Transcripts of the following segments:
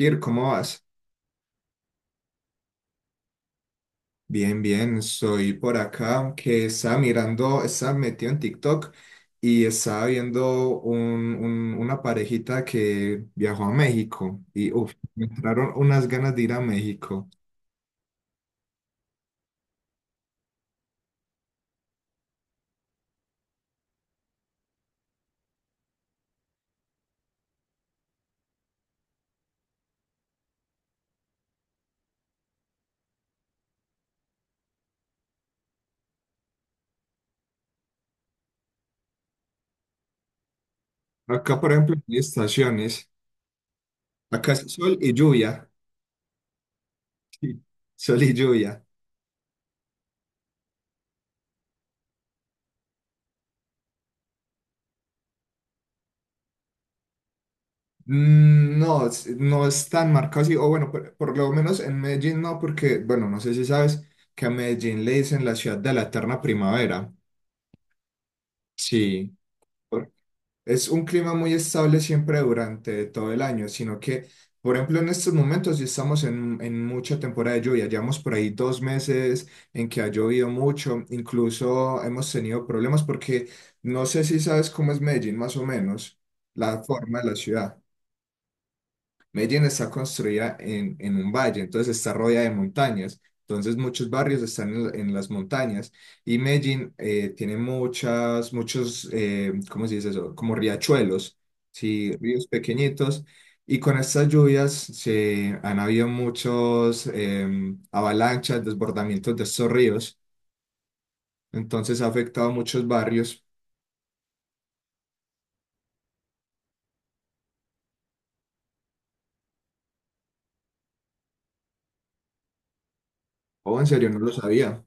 Ir, ¿cómo vas? Bien, bien, soy por acá que estaba mirando, estaba metido en TikTok y estaba viendo una parejita que viajó a México y uf, me entraron unas ganas de ir a México. Acá, por ejemplo, hay estaciones. Acá es sol y lluvia. Sí. Sol y lluvia. No, no es tan marcado así, o bueno, por lo menos en Medellín no, porque, bueno, no sé si sabes que a Medellín le dicen la ciudad de la eterna primavera. Sí. Es un clima muy estable siempre durante todo el año, sino que, por ejemplo, en estos momentos ya estamos en mucha temporada de lluvia. Llevamos por ahí 2 meses en que ha llovido mucho, incluso hemos tenido problemas porque no sé si sabes cómo es Medellín, más o menos, la forma de la ciudad. Medellín está construida en un valle, entonces está rodeada de montañas. Entonces muchos barrios están en las montañas y Medellín tiene muchos, ¿cómo se dice eso? Como riachuelos, sí, ríos pequeñitos. Y con estas lluvias se han habido muchos avalanchas, desbordamientos de estos ríos. Entonces ha afectado a muchos barrios. Oh, en serio, no lo sabía.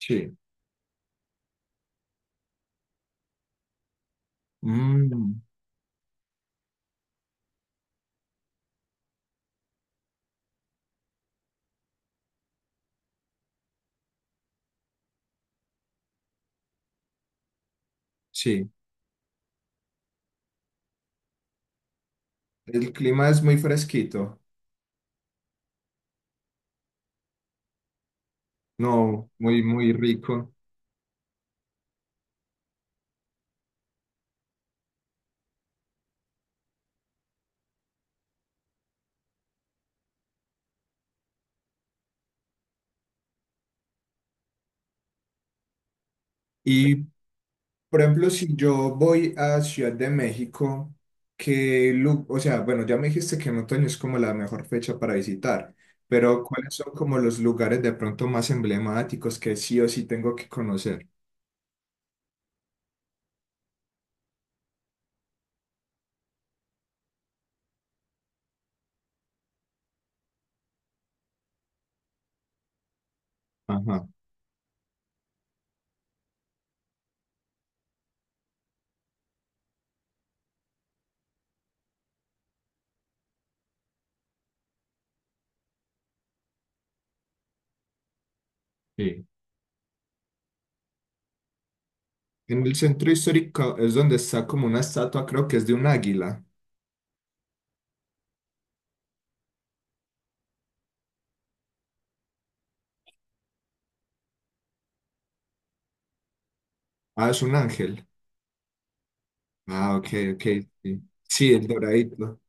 Sí. Mm, sí. El clima es muy fresquito. No, muy, muy rico. Y, por ejemplo, si yo voy a Ciudad de México, que, o sea, bueno, ya me dijiste que en otoño es como la mejor fecha para visitar, pero ¿cuáles son como los lugares de pronto más emblemáticos que sí o sí tengo que conocer? Ajá, sí. En el centro histórico es donde está como una estatua, creo que es de un águila. Ah, es un ángel. Ah, ok, ok, sí. Sí, el doradito.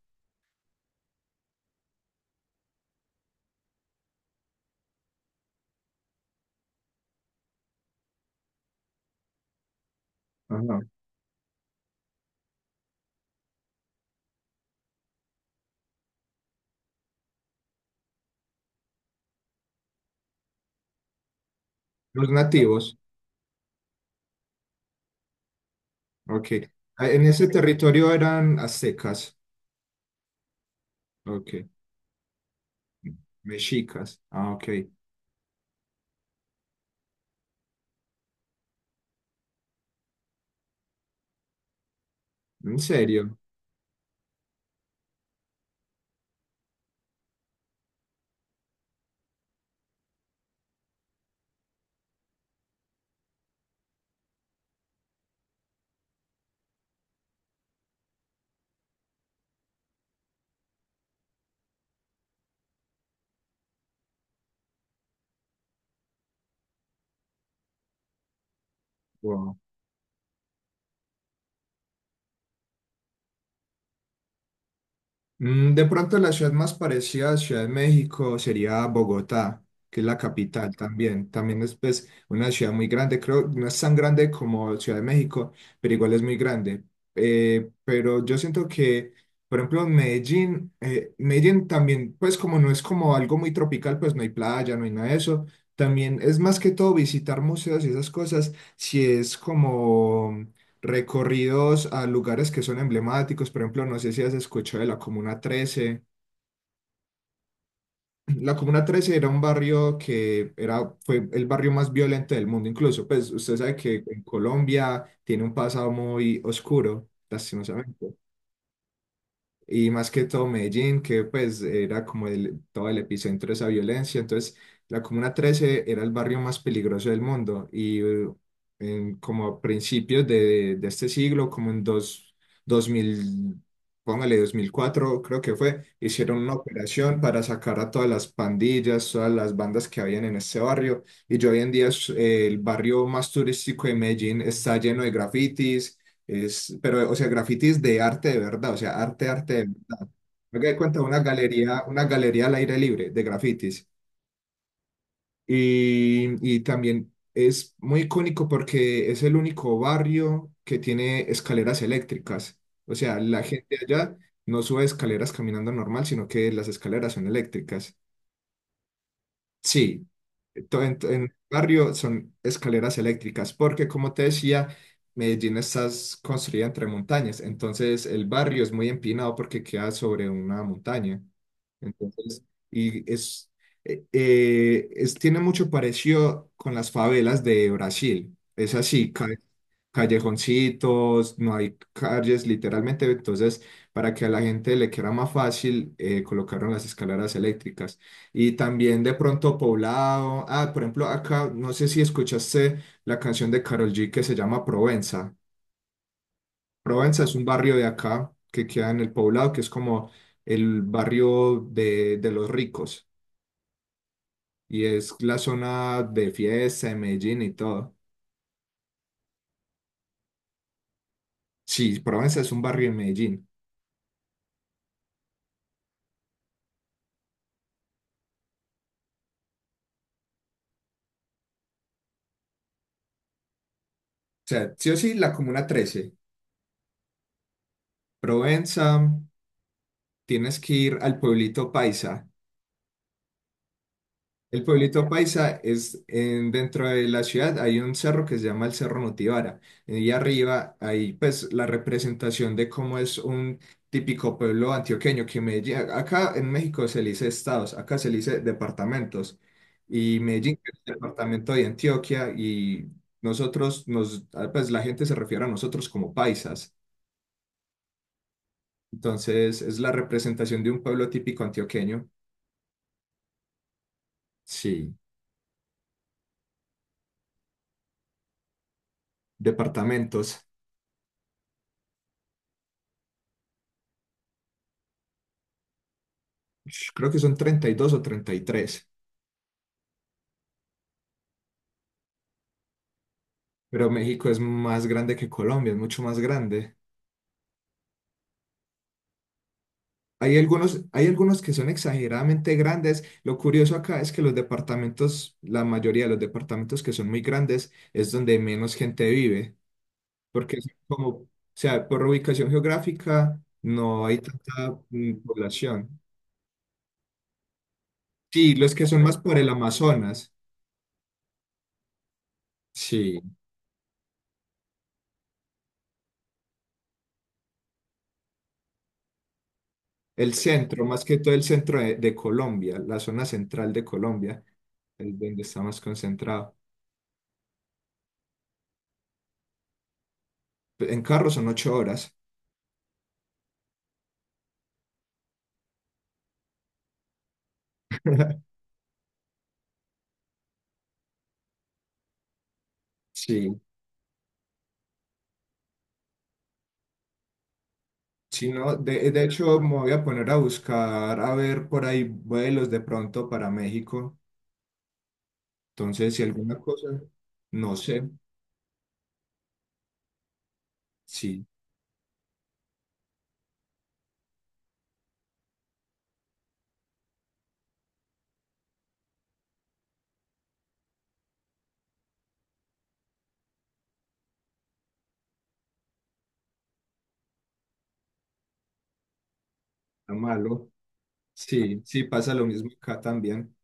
Ajá. Los nativos. Ok. Ah, en ese territorio eran aztecas. Ok. Mexicas. Ah, ok. ¿En serio? Wow. De pronto la ciudad más parecida a Ciudad de México sería Bogotá, que es la capital también. También es pues, una ciudad muy grande, creo, no es tan grande como Ciudad de México, pero igual es muy grande. Pero yo siento que, por ejemplo, Medellín también, pues como no es como algo muy tropical, pues no hay playa, no hay nada de eso. También es más que todo visitar museos y esas cosas, si es como recorridos a lugares que son emblemáticos. Por ejemplo, no sé si has escuchado de la Comuna 13. La Comuna 13 era un barrio que fue el barrio más violento del mundo, incluso. Pues usted sabe que en Colombia tiene un pasado muy oscuro, lastimosamente. Y más que todo Medellín, que pues era como todo el epicentro de esa violencia. Entonces, la Comuna 13 era el barrio más peligroso del mundo y como a principios de este siglo, como en dos, 2000 póngale 2004 creo que fue, hicieron una operación para sacar a todas las pandillas, todas las bandas que habían en este barrio. Y yo hoy en día el barrio más turístico de Medellín está lleno de grafitis, pero, o sea, grafitis de arte de verdad, o sea, arte, arte de verdad. Me doy cuenta de una galería al aire libre de grafitis. Y también es muy icónico porque es el único barrio que tiene escaleras eléctricas. O sea, la gente allá no sube escaleras caminando normal, sino que las escaleras son eléctricas. Sí, en el barrio son escaleras eléctricas, porque como te decía, Medellín está construida entre montañas, entonces el barrio es muy empinado porque queda sobre una montaña. Entonces, y es, tiene mucho parecido con las favelas de Brasil. Es así, callejoncitos, no hay calles literalmente, entonces para que a la gente le quede más fácil colocaron las escaleras eléctricas y también de pronto poblado, por ejemplo acá, no sé si escuchaste la canción de Karol G que se llama Provenza. Provenza es un barrio de acá que queda en el poblado, que es como el barrio de los ricos y es la zona de fiesta de Medellín y todo. Sí, Provenza es un barrio en Medellín. O sea, sí o sí, la Comuna 13, Provenza, tienes que ir al pueblito Paisa. El pueblito Paisa es dentro de la ciudad, hay un cerro que se llama el Cerro Notivara. Y arriba hay pues la representación de cómo es un típico pueblo antioqueño que Medellín, acá en México se le dice estados, acá se le dice departamentos. Y Medellín que es el departamento de Antioquia y nosotros, pues la gente se refiere a nosotros como paisas. Entonces es la representación de un pueblo típico antioqueño. Sí, departamentos. Creo que son 32 o 33, pero México es más grande que Colombia, es mucho más grande. Hay algunos que son exageradamente grandes. Lo curioso acá es que los departamentos, la mayoría de los departamentos que son muy grandes, es donde menos gente vive, porque son como, o sea, por ubicación geográfica no hay tanta población. Sí, los que son más por el Amazonas. Sí, el centro, más que todo el centro de Colombia, la zona central de Colombia, es donde está más concentrado. En carro son 8 horas. Sí, si no, de hecho me voy a poner a buscar, a ver por ahí vuelos de pronto para México. Entonces, si alguna cosa, no sé, sí, está malo. Sí, sí, pasa lo mismo acá también.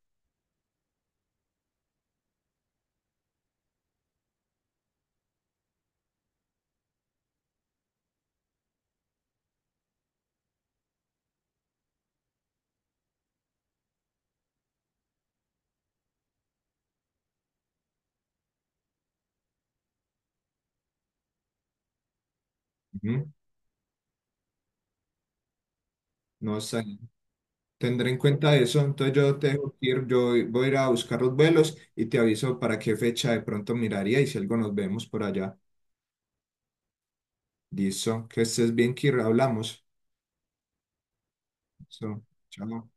Ujú, no sé. Tendré en cuenta eso, entonces yo te dejo ir, yo voy a ir a buscar los vuelos y te aviso para qué fecha de pronto miraría y si algo nos vemos por allá. Listo, que estés bien, Kir, hablamos. Listo, chao.